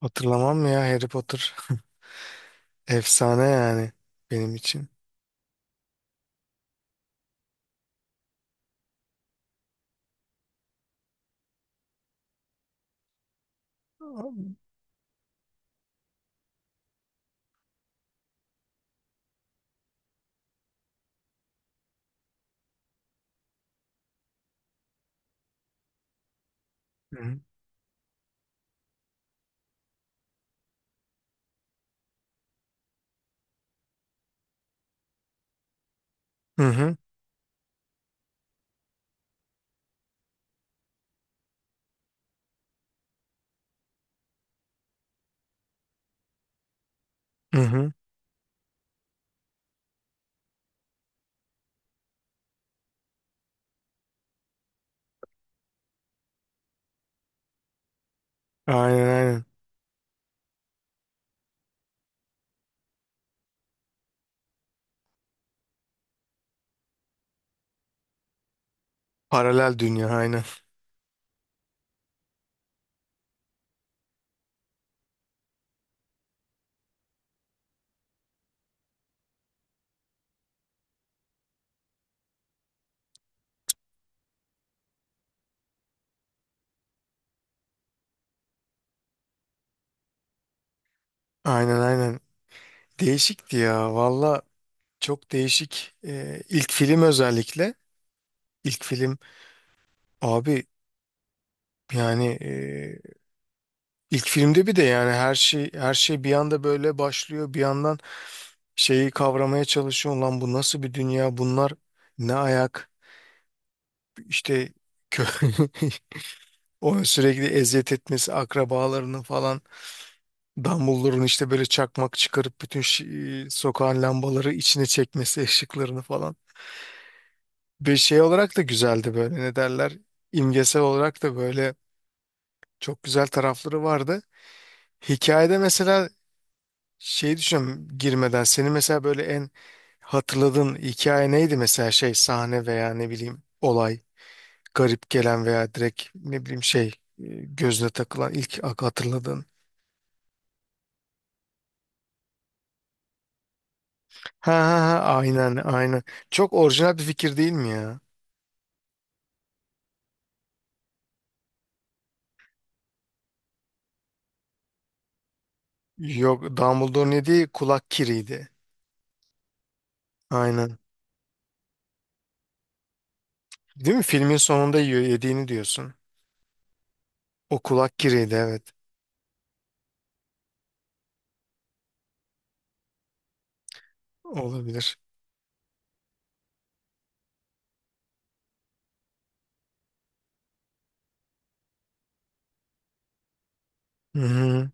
Hatırlamam mı ya Harry Potter? Efsane yani benim için. Hı hı. Hı hı. Hı hı. Aynen, aynen. Paralel dünya, aynen. Aynen, aynen. Değişikti ya. Valla çok değişik. İlk film özellikle. İlk film, abi, yani ilk filmde bir de yani her şey bir anda böyle başlıyor. Bir yandan şeyi kavramaya çalışıyor. Lan, bu nasıl bir dünya? Bunlar ne ayak? İşte kö Onu sürekli eziyet etmesi, akrabalarının falan, Dumbledore'un işte böyle çakmak çıkarıp bütün sokağın lambaları içine çekmesi, ışıklarını falan. Bir şey olarak da güzeldi, böyle ne derler, imgesel olarak da böyle çok güzel tarafları vardı. Hikayede mesela şey, düşünüyorum girmeden. Senin mesela böyle en hatırladığın hikaye neydi mesela, şey, sahne veya ne bileyim olay, garip gelen veya direkt ne bileyim şey, gözüne takılan ilk hatırladığın. Ha, ha, ha, aynen, aynen. Çok orijinal bir fikir değil mi ya? Yok, Dumbledore ne diye, kulak kiriydi. Aynen. Değil mi? Filmin sonunda yiyor, yediğini diyorsun. O kulak kiriydi, evet. Olabilir. Hı hı.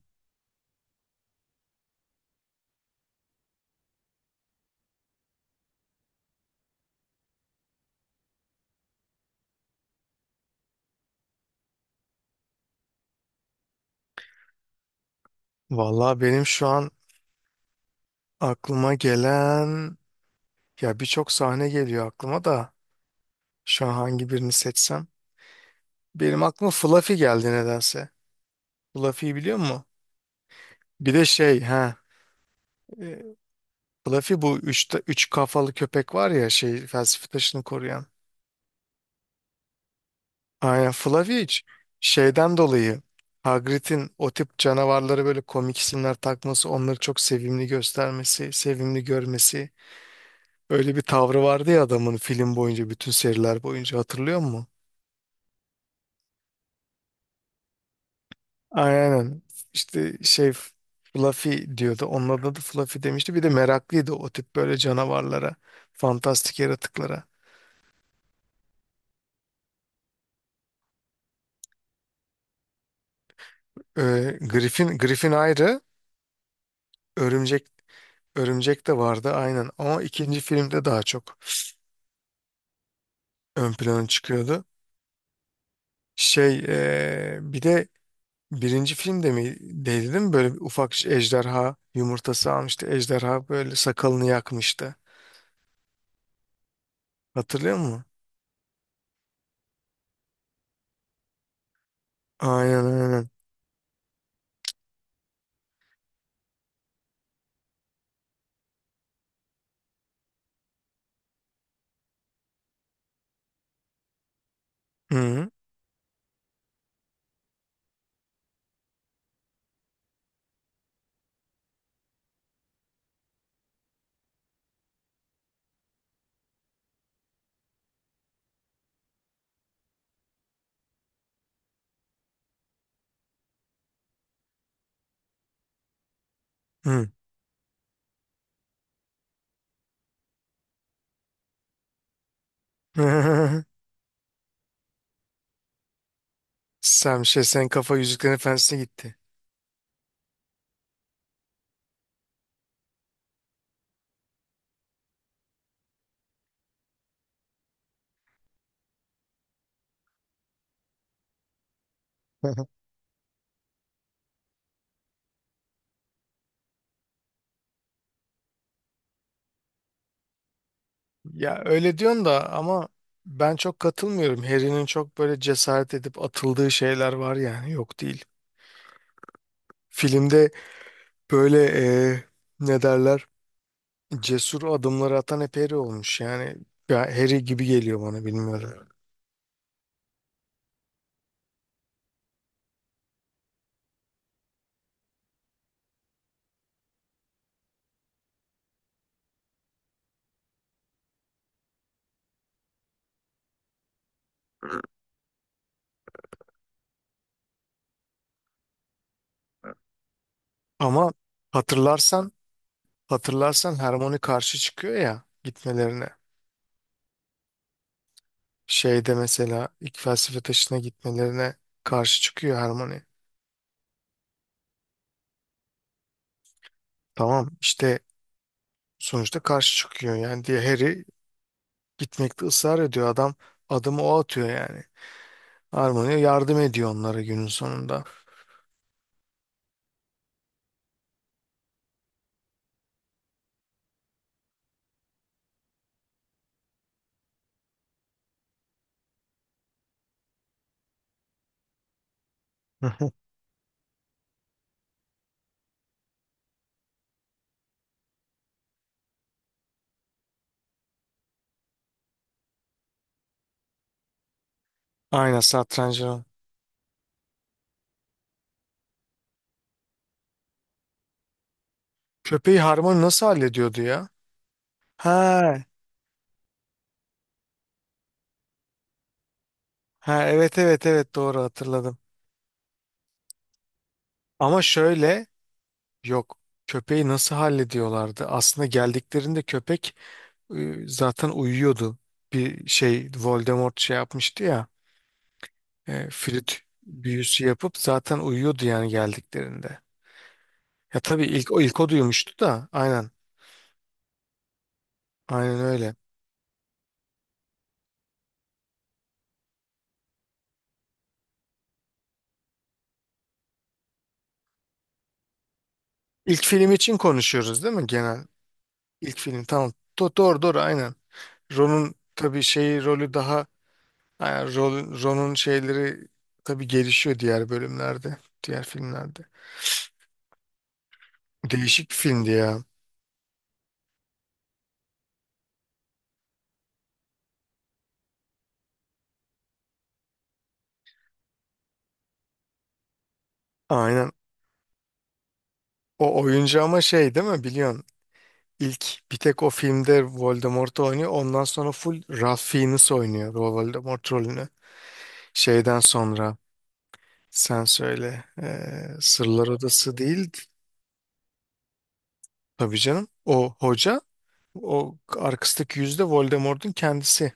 Vallahi benim şu an aklıma gelen, ya birçok sahne geliyor aklıma da şu an hangi birini seçsem. Benim aklıma Fluffy geldi nedense. Fluffy'yi biliyor musun? Bir de şey, e, Fluffy, bu üç kafalı köpek var ya, şey, felsefe taşını koruyan. Aynen, Flaviç şeyden dolayı, Hagrid'in o tip canavarlara böyle komik isimler takması, onları çok sevimli göstermesi, sevimli görmesi. Öyle bir tavrı vardı ya adamın, film boyunca, bütün seriler boyunca, hatırlıyor musun? Aynen. İşte şey, Fluffy diyordu. Onun adı da Fluffy demişti. Bir de meraklıydı o tip böyle canavarlara, fantastik yaratıklara. Griffin ayrı, örümcek örümcek de vardı aynen. Ama ikinci filmde daha çok ön plana çıkıyordu. Şey, bir de birinci filmde mi değdi değil mi? Böyle bir ufak ejderha yumurtası almıştı. Ejderha böyle sakalını yakmıştı. Hatırlıyor musun? Aynen, aynen. Hı hı. Sam şey, sen kafa Yüzüklerin Efendisi'ne gitti. Ya öyle diyorsun da ama ben çok katılmıyorum. Harry'nin çok böyle cesaret edip atıldığı şeyler var yani, yok değil. Filmde böyle ne derler? Cesur adımları atan hep Harry olmuş. Yani ya, Harry gibi geliyor bana, bilmiyorum. Ama hatırlarsan hatırlarsan Hermione karşı çıkıyor ya gitmelerine. Şeyde mesela ilk felsefe taşına gitmelerine karşı çıkıyor Hermione. Tamam işte, sonuçta karşı çıkıyor yani diye, Harry gitmekte ısrar ediyor. Adam, adımı o atıyor yani. Hermione yardım ediyor onlara günün sonunda. Hı. Aynen, satrancı. O. Köpeği Harmony nasıl hallediyordu ya? Ha, ha, evet, evet, evet, doğru hatırladım. Ama şöyle, yok, köpeği nasıl hallediyorlardı? Aslında geldiklerinde köpek, zaten uyuyordu. Bir şey, Voldemort şey yapmıştı ya, flüt büyüsü yapıp zaten uyuyordu yani geldiklerinde. Ya tabii ilk o duymuştu da aynen, aynen öyle. İlk film için konuşuyoruz değil mi genel? İlk film, tamam. Doğru doğru aynen. Ron'un tabii şeyi, rolü daha, yani rol, Ron'un şeyleri tabii gelişiyor diğer bölümlerde, diğer filmlerde. Değişik bir filmdi ya. Aynen. O oyuncu ama şey değil mi, biliyorsun? İlk bir tek o filmde Voldemort oynuyor. Ondan sonra full Ralph Fiennes oynuyor o Voldemort rolünü. Şeyden sonra, sen söyle. Sırlar Odası değil, tabii canım. O hoca, o arkasındaki yüzde Voldemort'un kendisi.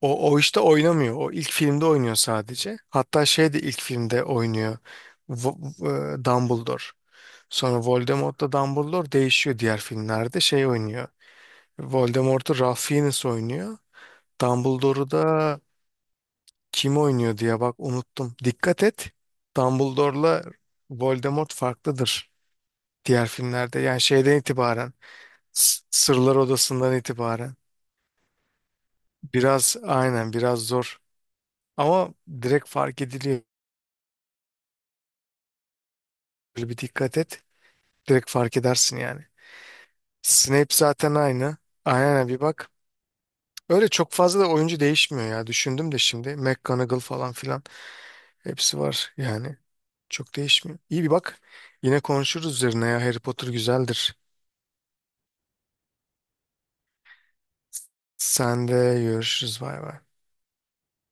O, o işte oynamıyor. O ilk filmde oynuyor sadece. Hatta şey de ilk filmde oynuyor. Dumbledore. Sonra Voldemort'la Dumbledore değişiyor diğer filmlerde. Şey oynuyor. Voldemort'u Ralph Fiennes oynuyor. Dumbledore'da kim oynuyor diye, bak, unuttum. Dikkat et. Dumbledore'la Voldemort farklıdır diğer filmlerde. Yani şeyden itibaren, Sırlar Odası'ndan itibaren biraz, aynen, biraz zor. Ama direkt fark ediliyor. Böyle bir dikkat et. Direkt fark edersin yani. Snape zaten aynı. Aynen, bir bak. Öyle çok fazla da oyuncu değişmiyor ya. Düşündüm de şimdi. McGonagall falan filan, hepsi var yani. Çok değişmiyor. İyi bir bak. Yine konuşuruz üzerine ya. Harry Potter güzeldir. Sen de, görüşürüz. Bay bay.